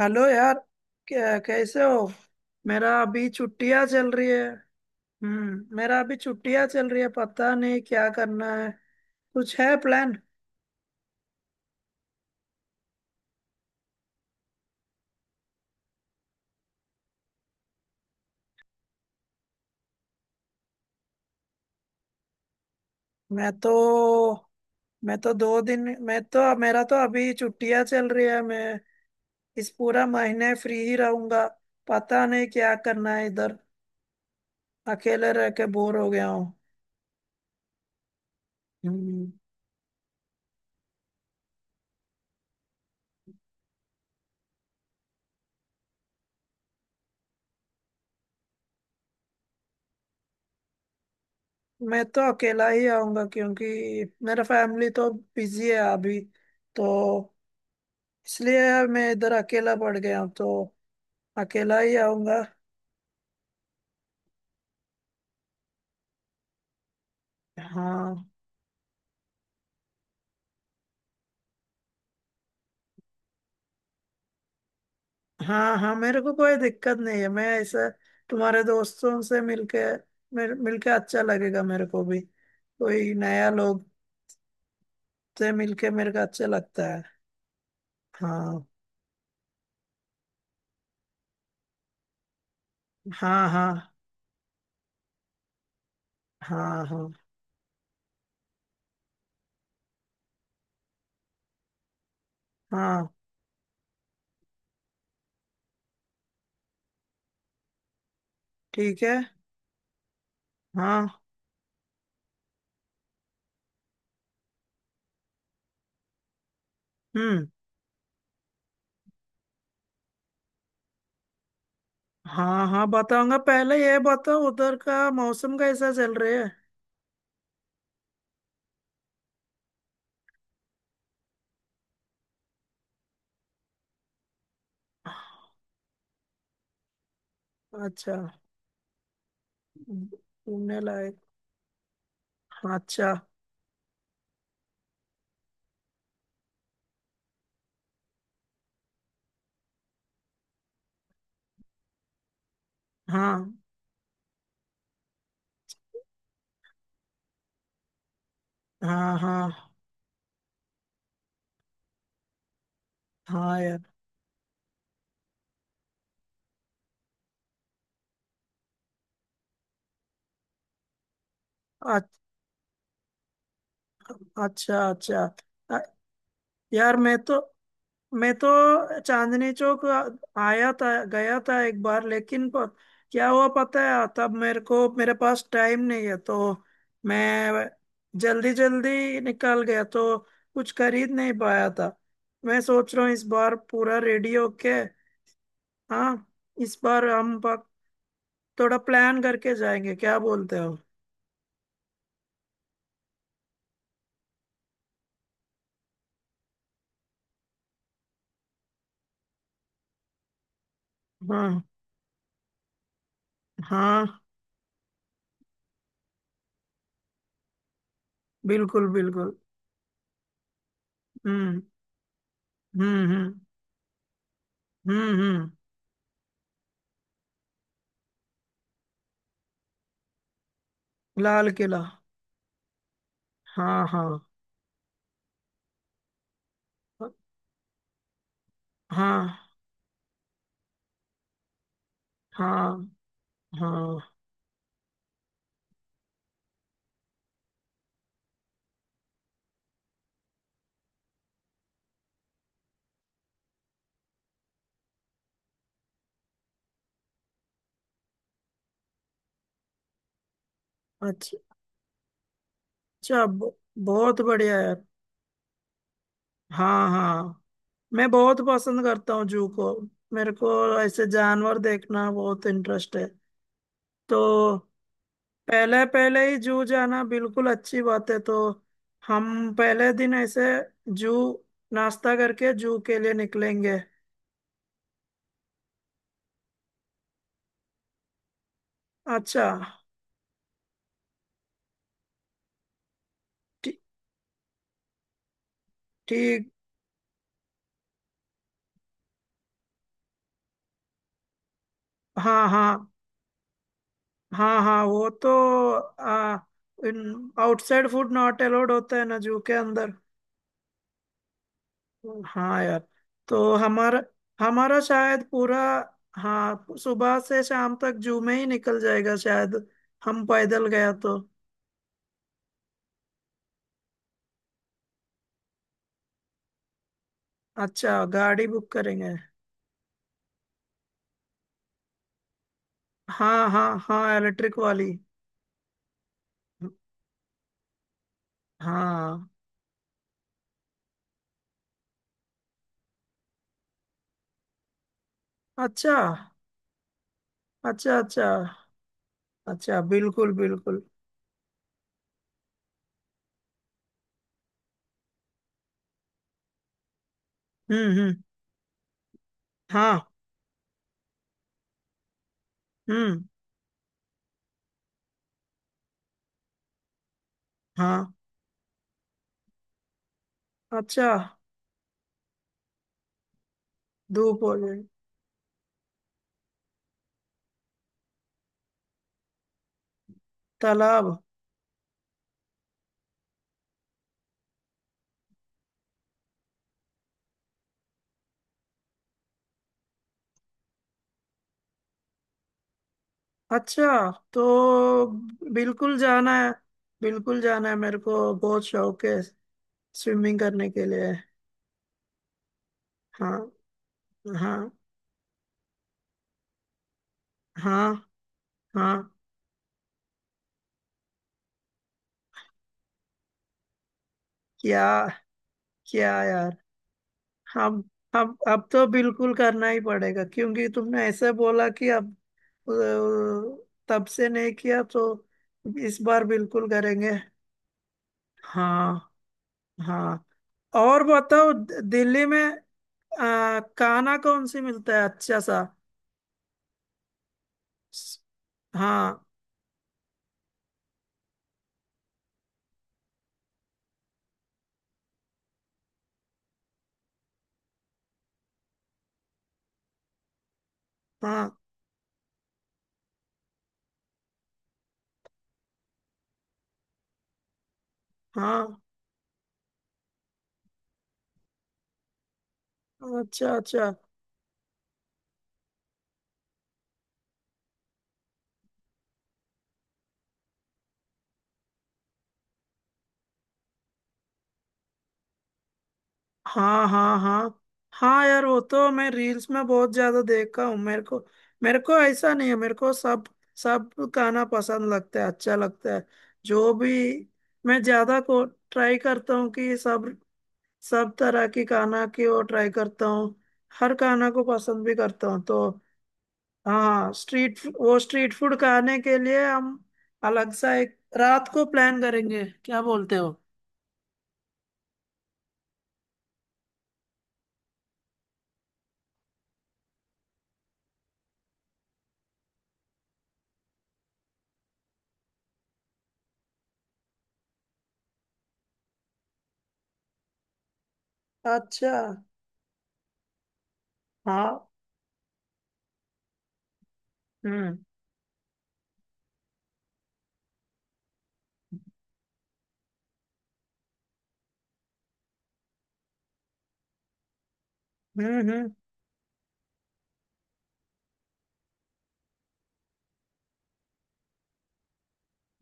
Hello यार। कैसे हो। मेरा अभी छुट्टियां चल रही है। मेरा अभी छुट्टियां चल रही है। पता नहीं क्या करना है। कुछ है प्लान? मैं तो मैं तो दो दिन। मैं तो मेरा तो अभी छुट्टियां चल रही है। मैं इस पूरा महीने फ्री ही रहूंगा। पता नहीं क्या करना है इधर। अकेले रह के बोर हो गया हूँ। हम्म। मैं तो अकेला ही आऊंगा क्योंकि मेरा फैमिली तो बिजी है अभी। तो इसलिए यार मैं इधर अकेला पड़ गया हूँ तो अकेला ही आऊंगा। हाँ, हाँ, हाँ, मेरे को कोई दिक्कत नहीं है। मैं ऐसे तुम्हारे दोस्तों से मिलके मिलके अच्छा लगेगा मेरे को भी। कोई नया लोग से मिलके मेरे को अच्छा लगता है। हाँ, हाँ। हाँ, हाँ, हाँ, हाँ। ठीक है। हाँ। हम्म। हाँ, हाँ, बताऊंगा। पहले ये बताओ उधर का मौसम कैसा चल रहा है। अच्छा। घूमने लायक। हाँ, अच्छा। हाँ, हाँ। हाँ, हाँ यार। अच्छ- अच्छा, अच्छा। अ- यार, मैं तो चांदनी चौक आया था, गया था एक बार। लेकिन क्या हुआ पता है, तब मेरे को, मेरे पास टाइम नहीं है तो मैं जल्दी जल्दी निकल गया तो कुछ खरीद नहीं पाया था। मैं सोच रहा हूँ इस बार पूरा रेडी होके। हाँ। इस बार हम थोड़ा प्लान करके जाएंगे, क्या बोलते हो? हाँ, हाँ, बिल्कुल बिल्कुल। हम्म हम्म हम्म हम्म। लाल किला। हाँ, हाँ, हाँ, हाँ, हाँ। अच्छा, अच्छा। बहुत बढ़िया यार। हाँ, हाँ। मैं बहुत पसंद करता हूँ जू को। मेरे को ऐसे जानवर देखना बहुत इंटरेस्ट है, तो पहले पहले ही जू जाना बिल्कुल अच्छी बात है। तो हम पहले दिन ऐसे जू, नाश्ता करके जू के लिए निकलेंगे। अच्छा। ठी- ठीक। हाँ, हाँ। हाँ, हाँ वो तो आ, in outside food not allowed होता है ना जू के अंदर। हाँ यार। तो हमारा हमारा शायद पूरा, हाँ, सुबह से शाम तक जू में ही निकल जाएगा शायद। हम पैदल गया तो। अच्छा, गाड़ी बुक करेंगे? हाँ, हाँ, हाँ, इलेक्ट्रिक वाली। हाँ। अच्छा, अच्छा। अच्छा, अच्छा, बिल्कुल बिल्कुल। हम्म। हाँ। हम्म। हाँ। अच्छा। धूप हो जाए। तालाब। अच्छा तो। बिल्कुल जाना है। बिल्कुल जाना है, मेरे को बहुत शौक है स्विमिंग करने के लिए। हाँ, हाँ। हाँ, हाँ। क्या? क्या यार? हम हम अब तो बिल्कुल करना ही पड़ेगा क्योंकि तुमने ऐसे बोला कि अब अ, तब से नहीं किया तो इस बार बिल्कुल करेंगे। हाँ। हाँ, और बताओ दिल्ली में खाना कौन सी मिलता है अच्छा सा? स- हाँ, हाँ, हाँ। अच्छा, अच्छा। हाँ, हाँ, हाँ, हाँ यार, वो तो मैं रील्स में बहुत ज्यादा देखा हूँ। मेरे को ऐसा नहीं है, मेरे को सब सब गाना पसंद लगता है, अच्छा लगता है। जो भी, मैं ज्यादा को ट्राई करता हूँ कि सब सब तरह की गाना की वो ट्राई करता हूँ। हर गाना को पसंद भी करता हूँ तो। हाँ स्ट्रीट, वो स्ट्रीट फूड खाने के लिए हम अलग सा एक रात को प्लान करेंगे, क्या बोलते हो? अच्छा। हाँ। हम्म हम्म।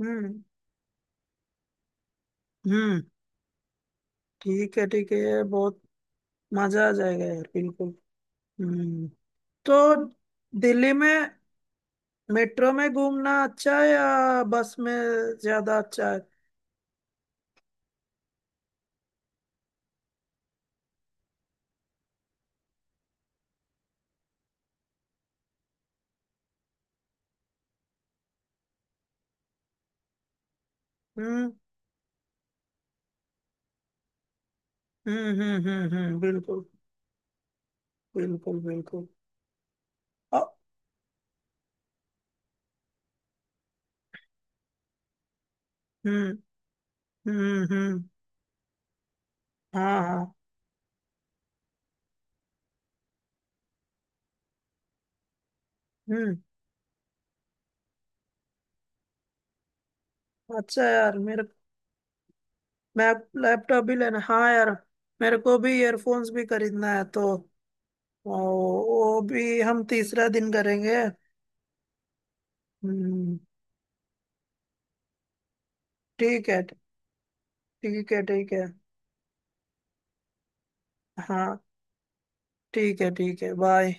हम्म हम्म। ठीक है, ठीक है, ये बहुत मजा आ जाएगा यार, बिल्कुल। हम्म। तो दिल्ली में मेट्रो में घूमना अच्छा है या बस में ज्यादा अच्छा है? हम्म हम्म। बिल्कुल बिल्कुल। बिल्कुल। अ, हम्म हम्म। हम्म। हाँ, हाँ। हम्म। अच्छा यार, मेरे, मैं लैपटॉप भी लेना, हाँ यार। मेरे को भी ईयरफोन्स भी खरीदना है तो वो वो भी हम तीसरा दिन करेंगे। हम्म। ठीक है, ठीक है, ठीक है। हाँ, ठीक है, ठीक है, बाय।